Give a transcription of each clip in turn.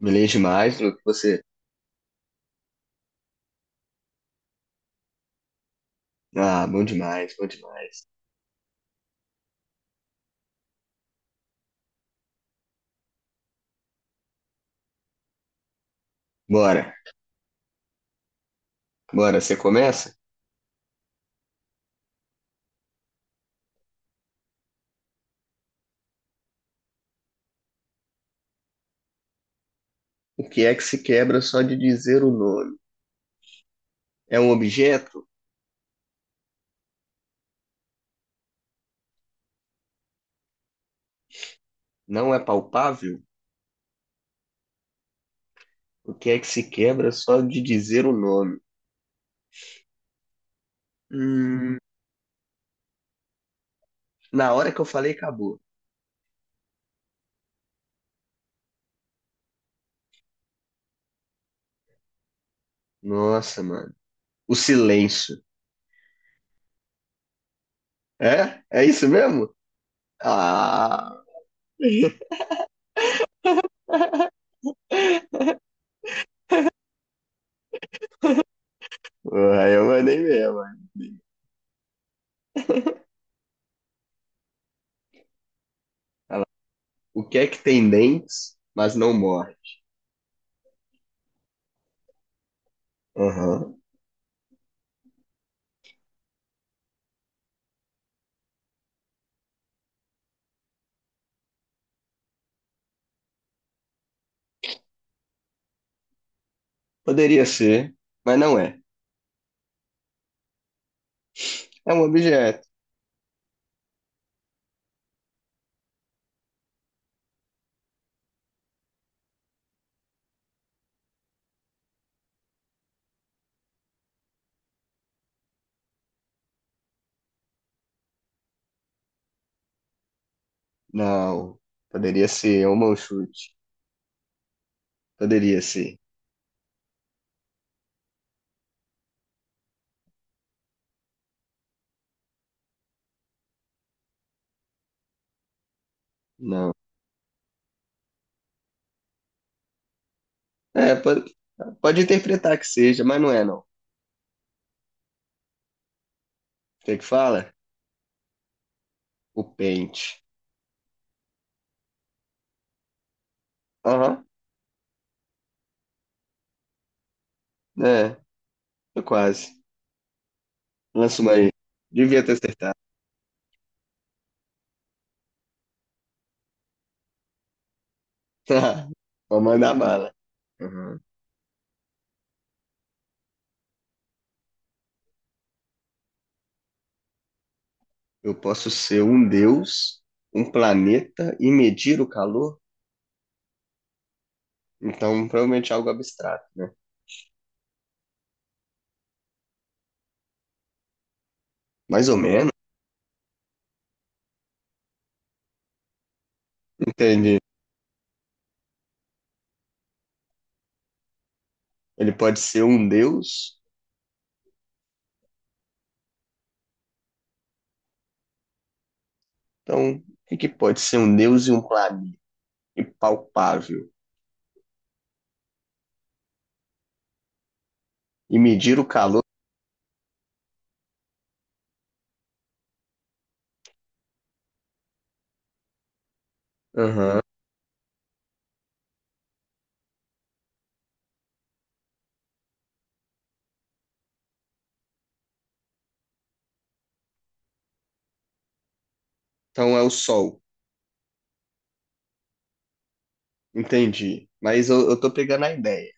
Beleza demais, Luke. Você. Ah, bom demais, bom demais. Bora, bora, você começa? O que é que se quebra só de dizer o nome? É um objeto? Não é palpável? O que é que se quebra só de dizer o nome? Hum, na hora que eu falei, acabou. Nossa, mano. O silêncio. É? É isso mesmo? Ah, porra, eu mandei mesmo. Mano. Olha lá. O que é que tem dentes, mas não morde? Aham. Poderia ser, mas não é. É um objeto. Não. Poderia ser, é um mão chute. Poderia ser. Não. É, pode interpretar que seja, mas não é, não. O que que fala? O pente. Aham. É, tô quase. Lança uma aí. Devia ter acertado. Vou mandar bala. Aham. Eu posso ser um deus, um planeta e medir o calor? Então, provavelmente é algo abstrato, né? Mais ou menos. Entendi. Ele pode ser um deus. Então, o que que pode ser um deus e um planeta impalpável? E medir o calor? Aham. Então é o Sol. Entendi. Mas eu tô pegando a ideia.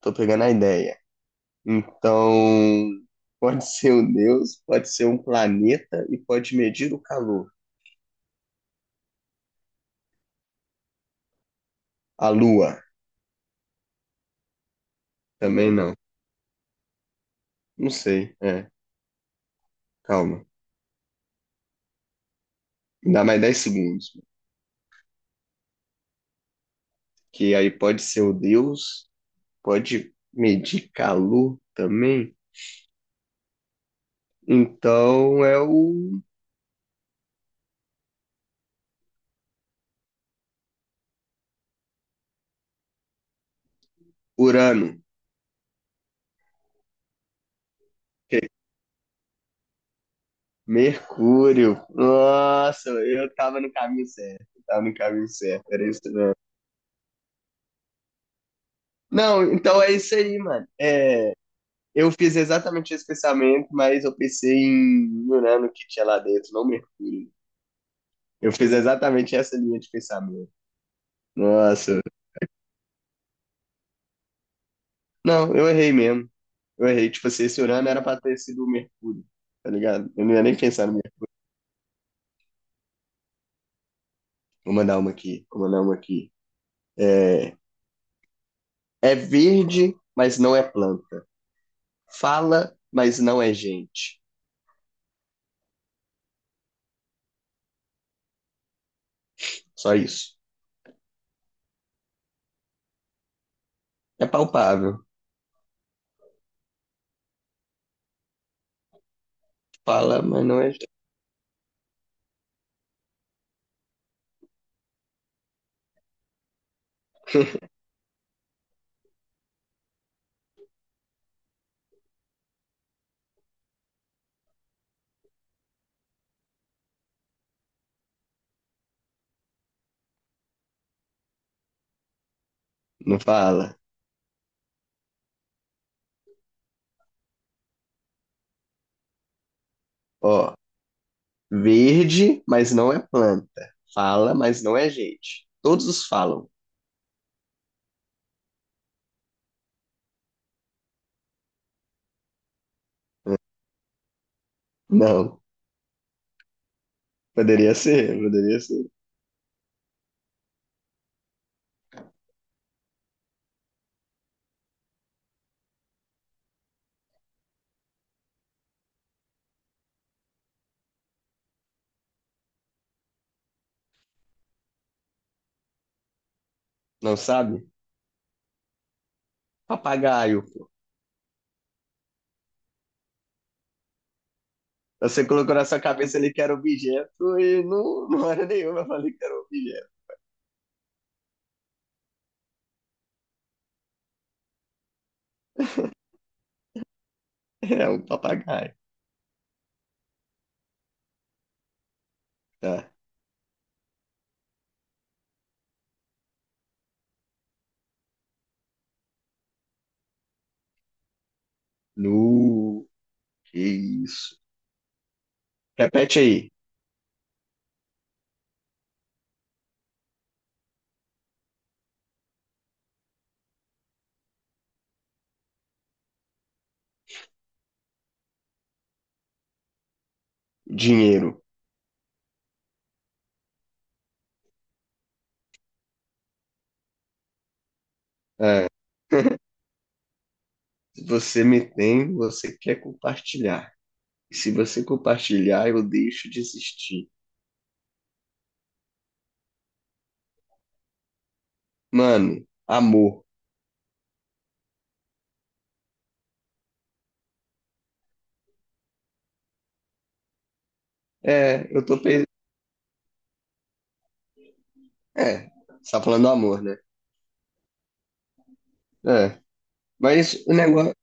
Tô pegando a ideia. Então, pode ser um deus, pode ser um planeta e pode medir o calor. A Lua também não. Não sei. É, calma. Me dá mais 10 segundos. Que aí pode ser o deus, pode medir calor também. Então é o Urano. Ok? Mercúrio. Nossa, eu tava no caminho certo. Eu tava no caminho certo, era isso mesmo. Não, então é isso aí, mano. É, eu fiz exatamente esse pensamento, mas eu pensei em Urano que tinha lá dentro, não Mercúrio. Eu fiz exatamente essa linha de pensamento. Nossa. Não, eu errei mesmo. Eu errei. Tipo assim, esse Urano era pra ter sido o Mercúrio, tá ligado? Eu não ia nem pensar no Mercúrio. Vou mandar uma aqui. É, é verde, mas não é planta. Fala, mas não é gente. Só isso. É palpável. Fala, mas não é gente. Não fala. Ó, verde, mas não é planta. Fala, mas não é gente. Todos os falam. Não. Poderia ser, poderia ser. Não sabe? Papagaio, pô. Você colocou na sua cabeça ali que era objeto e não, não era nenhuma. Eu falei que era objeto. É um papagaio. Tá. No. Que isso. Repete aí. Dinheiro. Ah, se você me tem, você quer compartilhar. E se você compartilhar, eu deixo de existir. Mano, amor. É, eu tô pensando. É, você tá falando do amor, né? É. Mas o negócio,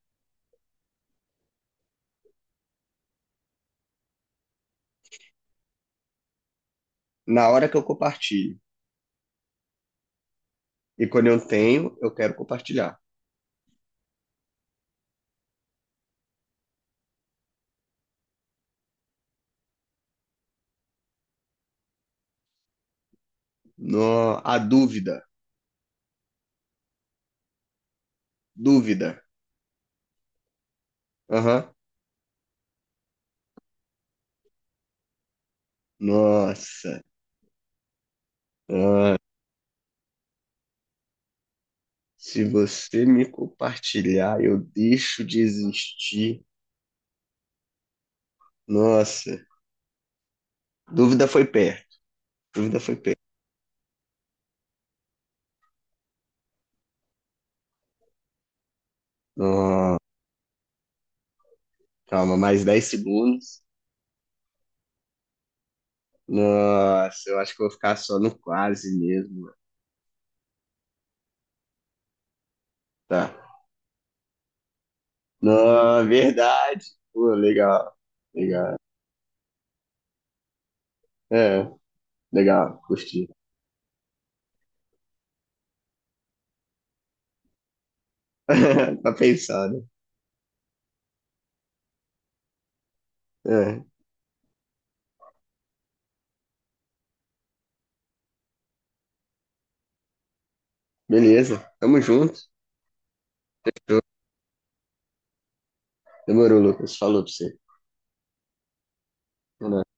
na hora que eu compartilho. E quando eu tenho, eu quero compartilhar. No, a dúvida. Dúvida. Aham. Nossa. Ah, se você me compartilhar, eu deixo de existir. Nossa. Dúvida foi perto. Dúvida foi perto. Nossa. Calma, mais 10 segundos. Nossa, eu acho que eu vou ficar só no quase mesmo. Tá. Não, verdade. Pô, legal. Legal. É, legal. Curti. Tá pensado. É, beleza. Tamo junto. Demorou, Lucas. Falou pra você. É nóis.